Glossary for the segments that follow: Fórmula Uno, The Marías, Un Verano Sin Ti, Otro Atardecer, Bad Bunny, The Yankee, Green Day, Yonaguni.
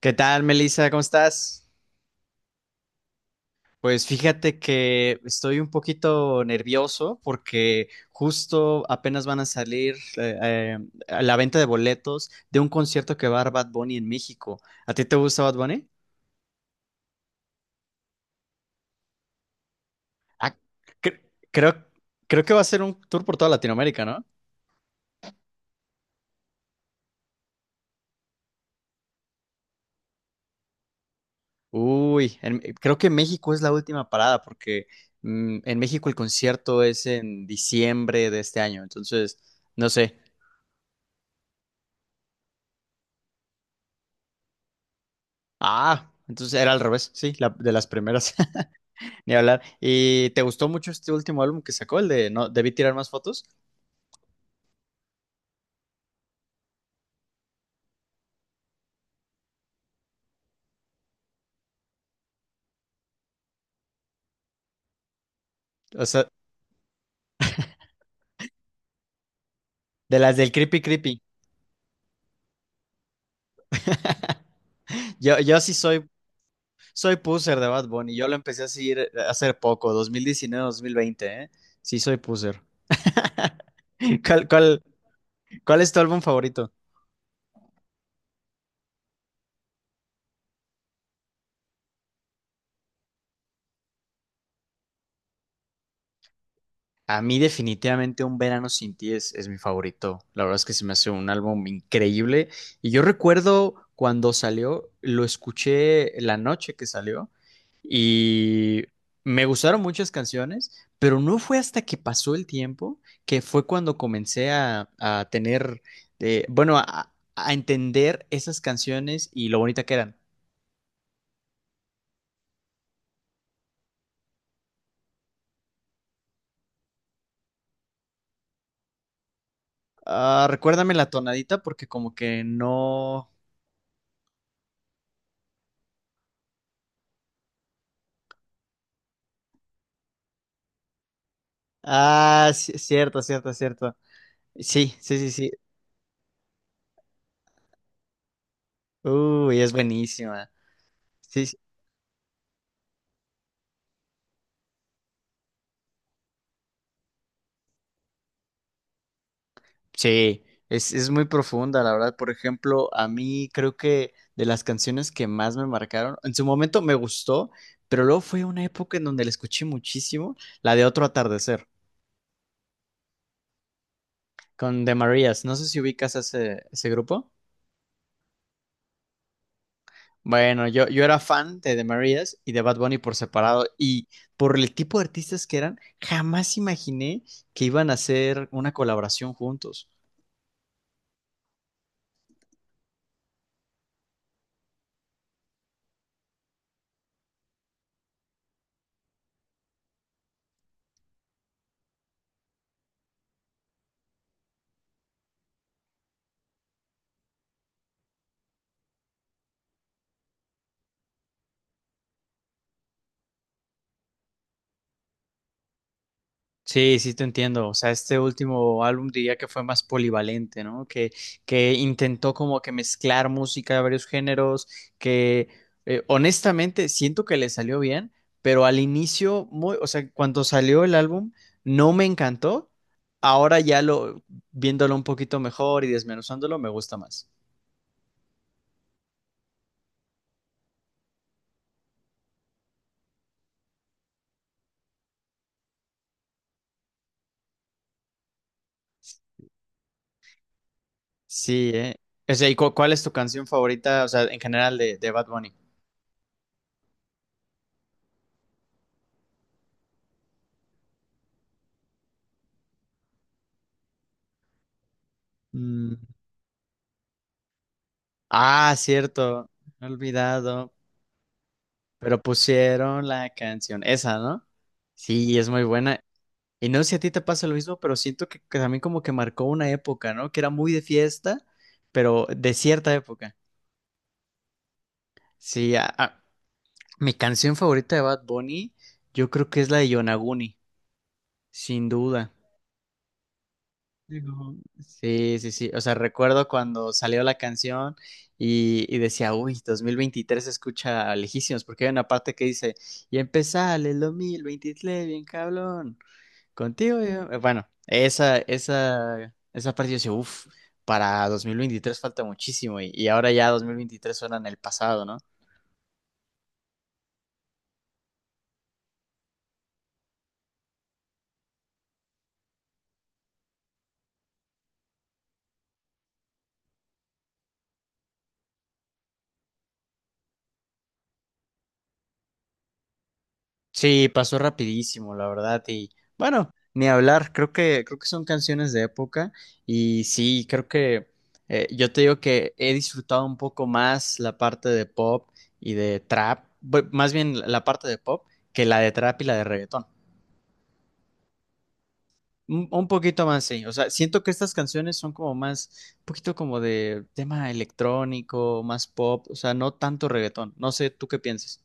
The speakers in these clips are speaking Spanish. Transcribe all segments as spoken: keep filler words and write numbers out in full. ¿Qué tal, Melissa? ¿Cómo estás? Pues fíjate que estoy un poquito nervioso porque justo apenas van a salir eh, eh, a la venta de boletos de un concierto que va a dar Bad Bunny en México. ¿A ti te gusta Bad Bunny? Ah, cre- creo, creo que va a ser un tour por toda Latinoamérica, ¿no? Uy, en- creo que México es la última parada porque mm, en México el concierto es en diciembre de este año, entonces no sé. Ah, entonces era al revés, sí, la- de las primeras, ni hablar. ¿Y te gustó mucho este último álbum que sacó, el de No, debí tirar más fotos? O sea, de las del Creepy Creepy. Yo, yo sí soy, soy puser de Bad Bunny, yo lo empecé a seguir eh, hace poco, dos mil diecinueve, dos mil veinte, ¿eh? Sí soy puser. ¿Cuál, cuál, cuál es tu álbum favorito? A mí definitivamente Un Verano Sin Ti es, es mi favorito. La verdad es que se me hace un álbum increíble. Y yo recuerdo cuando salió, lo escuché la noche que salió y me gustaron muchas canciones, pero no fue hasta que pasó el tiempo que fue cuando comencé a, a tener, eh, bueno, a, a entender esas canciones y lo bonita que eran. Ah, recuérdame la tonadita porque como que no... Ah, ci- cierto, cierto, cierto. Sí, sí, sí, sí. Uy, es buenísima. Sí, sí, sí, es, es muy profunda, la verdad. Por ejemplo, a mí creo que de las canciones que más me marcaron, en su momento me gustó, pero luego fue una época en donde la escuché muchísimo, la de Otro Atardecer, con The Marías. No sé si ubicas a ese, ese grupo. Bueno, yo, yo era fan de The Marías y de Bad Bunny por separado, y por el tipo de artistas que eran, jamás imaginé que iban a hacer una colaboración juntos. Sí, sí te entiendo. O sea, este último álbum diría que fue más polivalente, ¿no? Que, que intentó como que mezclar música de varios géneros, que eh, honestamente siento que le salió bien, pero al inicio, muy, o sea, cuando salió el álbum, no me encantó. Ahora ya lo, viéndolo un poquito mejor y desmenuzándolo, me gusta más. Sí, ¿eh? O sea, ¿y cu- cuál es tu canción favorita, o sea, en general de, de Bad Bunny? Mm. Ah, cierto, me he olvidado. Pero pusieron la canción esa, ¿no? Sí, es muy buena. Y no sé si a ti te pasa lo mismo, pero siento que, que también como que marcó una época, ¿no? Que era muy de fiesta, pero de cierta época. Sí, a- a- mi canción favorita de Bad Bunny, yo creo que es la de Yonaguni, sin duda. Digo, sí, sí, sí. O sea, recuerdo cuando salió la canción y, y decía, uy, dos mil veintitrés se escucha lejísimos, porque hay una parte que dice, y empezale el dos mil veintitrés, bien cabrón. Contigo, yo- eh, bueno, esa, esa, esa parte yo decía, uff, para dos mil veintitrés falta muchísimo y, y ahora ya dos mil veintitrés suena en el pasado, ¿no? Sí, pasó rapidísimo, la verdad, y bueno, ni hablar, creo que, creo que son canciones de época y sí, creo que eh, yo te digo que he disfrutado un poco más la parte de pop y de trap, bu- más bien la parte de pop que la de trap y la de reggaetón. Un un poquito más, sí. O sea, siento que estas canciones son como más, un poquito como de tema electrónico, más pop, o sea, no tanto reggaetón. No sé, ¿tú qué piensas?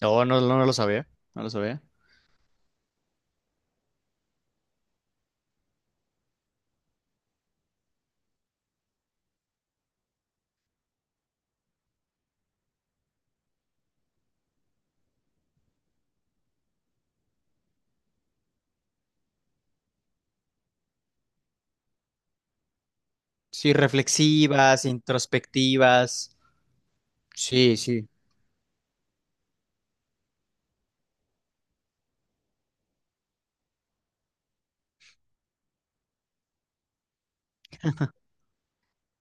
No, no, no lo sabía, no lo sabía. Sí, reflexivas, introspectivas. Sí, sí.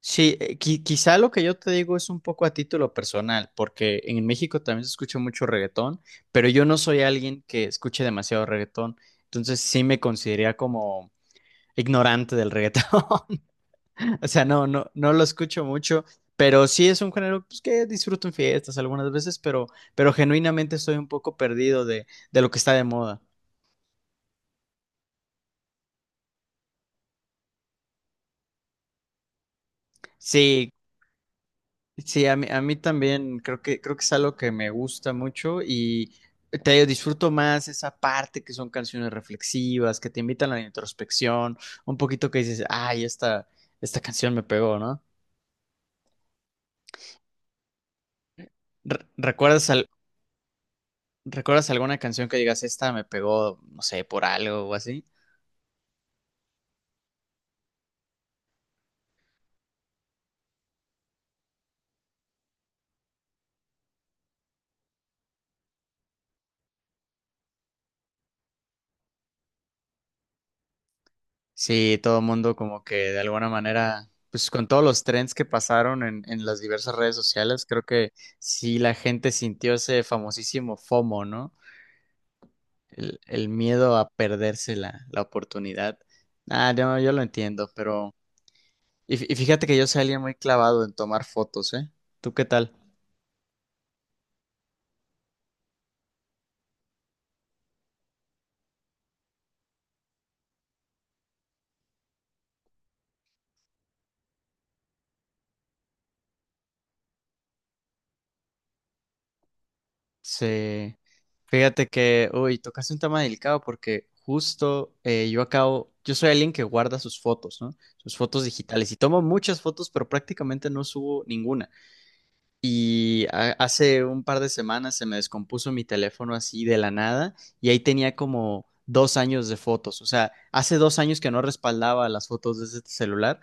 Sí, eh, qui- quizá lo que yo te digo es un poco a título personal, porque en México también se escucha mucho reggaetón, pero yo no soy alguien que escuche demasiado reggaetón, entonces sí me consideraría como ignorante del reggaetón. O sea, no, no, no lo escucho mucho, pero sí es un género pues, que disfruto en fiestas algunas veces, pero, pero genuinamente estoy un poco perdido de, de lo que está de moda. Sí, sí, a mí, a mí también creo que, creo que es algo que me gusta mucho y te digo, disfruto más esa parte que son canciones reflexivas, que te invitan a la introspección, un poquito que dices, ay, esta, esta canción me pegó, ¿no? Re- ¿Recuerdas al- ¿Recuerdas alguna canción que digas, esta me pegó, no sé, por algo o así? Sí, todo el mundo como que de alguna manera, pues con todos los trends que pasaron en, en las diversas redes sociales, creo que sí la gente sintió ese famosísimo F O M O, ¿no? El, el miedo a perderse la, la oportunidad. Ah, no, yo lo entiendo, pero... Y, fí- y fíjate que yo soy alguien muy clavado en tomar fotos, ¿eh? ¿Tú qué tal? Sí, fíjate que, uy, tocaste un tema delicado porque justo eh, yo acabo, yo soy alguien que guarda sus fotos, ¿no? Sus fotos digitales y tomo muchas fotos, pero prácticamente no subo ninguna. Y ha- hace un par de semanas se me descompuso mi teléfono así de la nada y ahí tenía como dos años de fotos. O sea, hace dos años que no respaldaba las fotos de ese celular.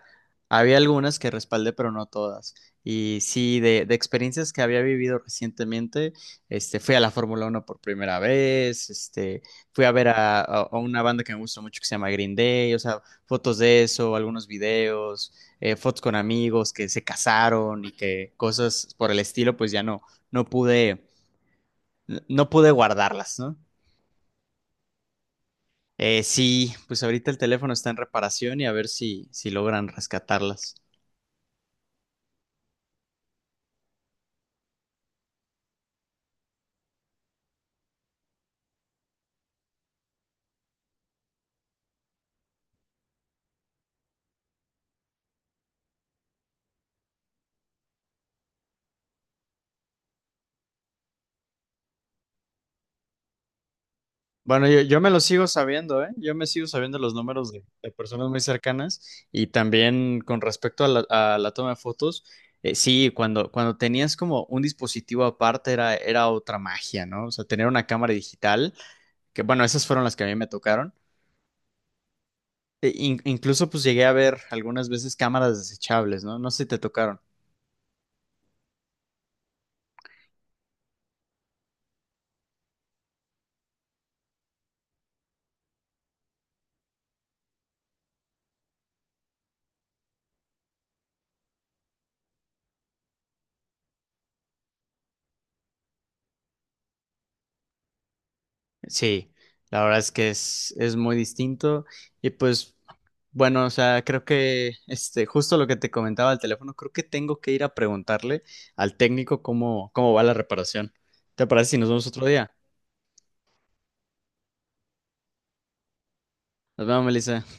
Había algunas que respaldé, pero no todas. Y sí, de, de experiencias que había vivido recientemente, este, fui a la Fórmula Uno por primera vez, este, fui a ver a, a- a una banda que me gusta mucho que se llama Green Day, o sea, fotos de eso, algunos videos, eh, fotos con amigos que se casaron y que cosas por el estilo, pues ya no, no pude, no pude guardarlas, ¿no? Eh, sí, pues ahorita el teléfono está en reparación y a ver si, si logran rescatarlas. Bueno, yo, yo me lo sigo sabiendo, ¿eh? Yo me sigo sabiendo los números de, de personas muy cercanas y también con respecto a la, a la toma de fotos, eh, sí, cuando, cuando tenías como un dispositivo aparte era, era otra magia, ¿no? O sea, tener una cámara digital, que bueno, esas fueron las que a mí me tocaron, E- in- incluso pues llegué a ver algunas veces cámaras desechables, ¿no? No sé si te tocaron. Sí, la verdad es que es, es muy distinto y pues bueno, o sea, creo que este, justo lo que te comentaba del teléfono, creo que tengo que ir a preguntarle al técnico cómo, cómo va la reparación. ¿Te parece si nos vemos otro día? Nos vemos, Melissa.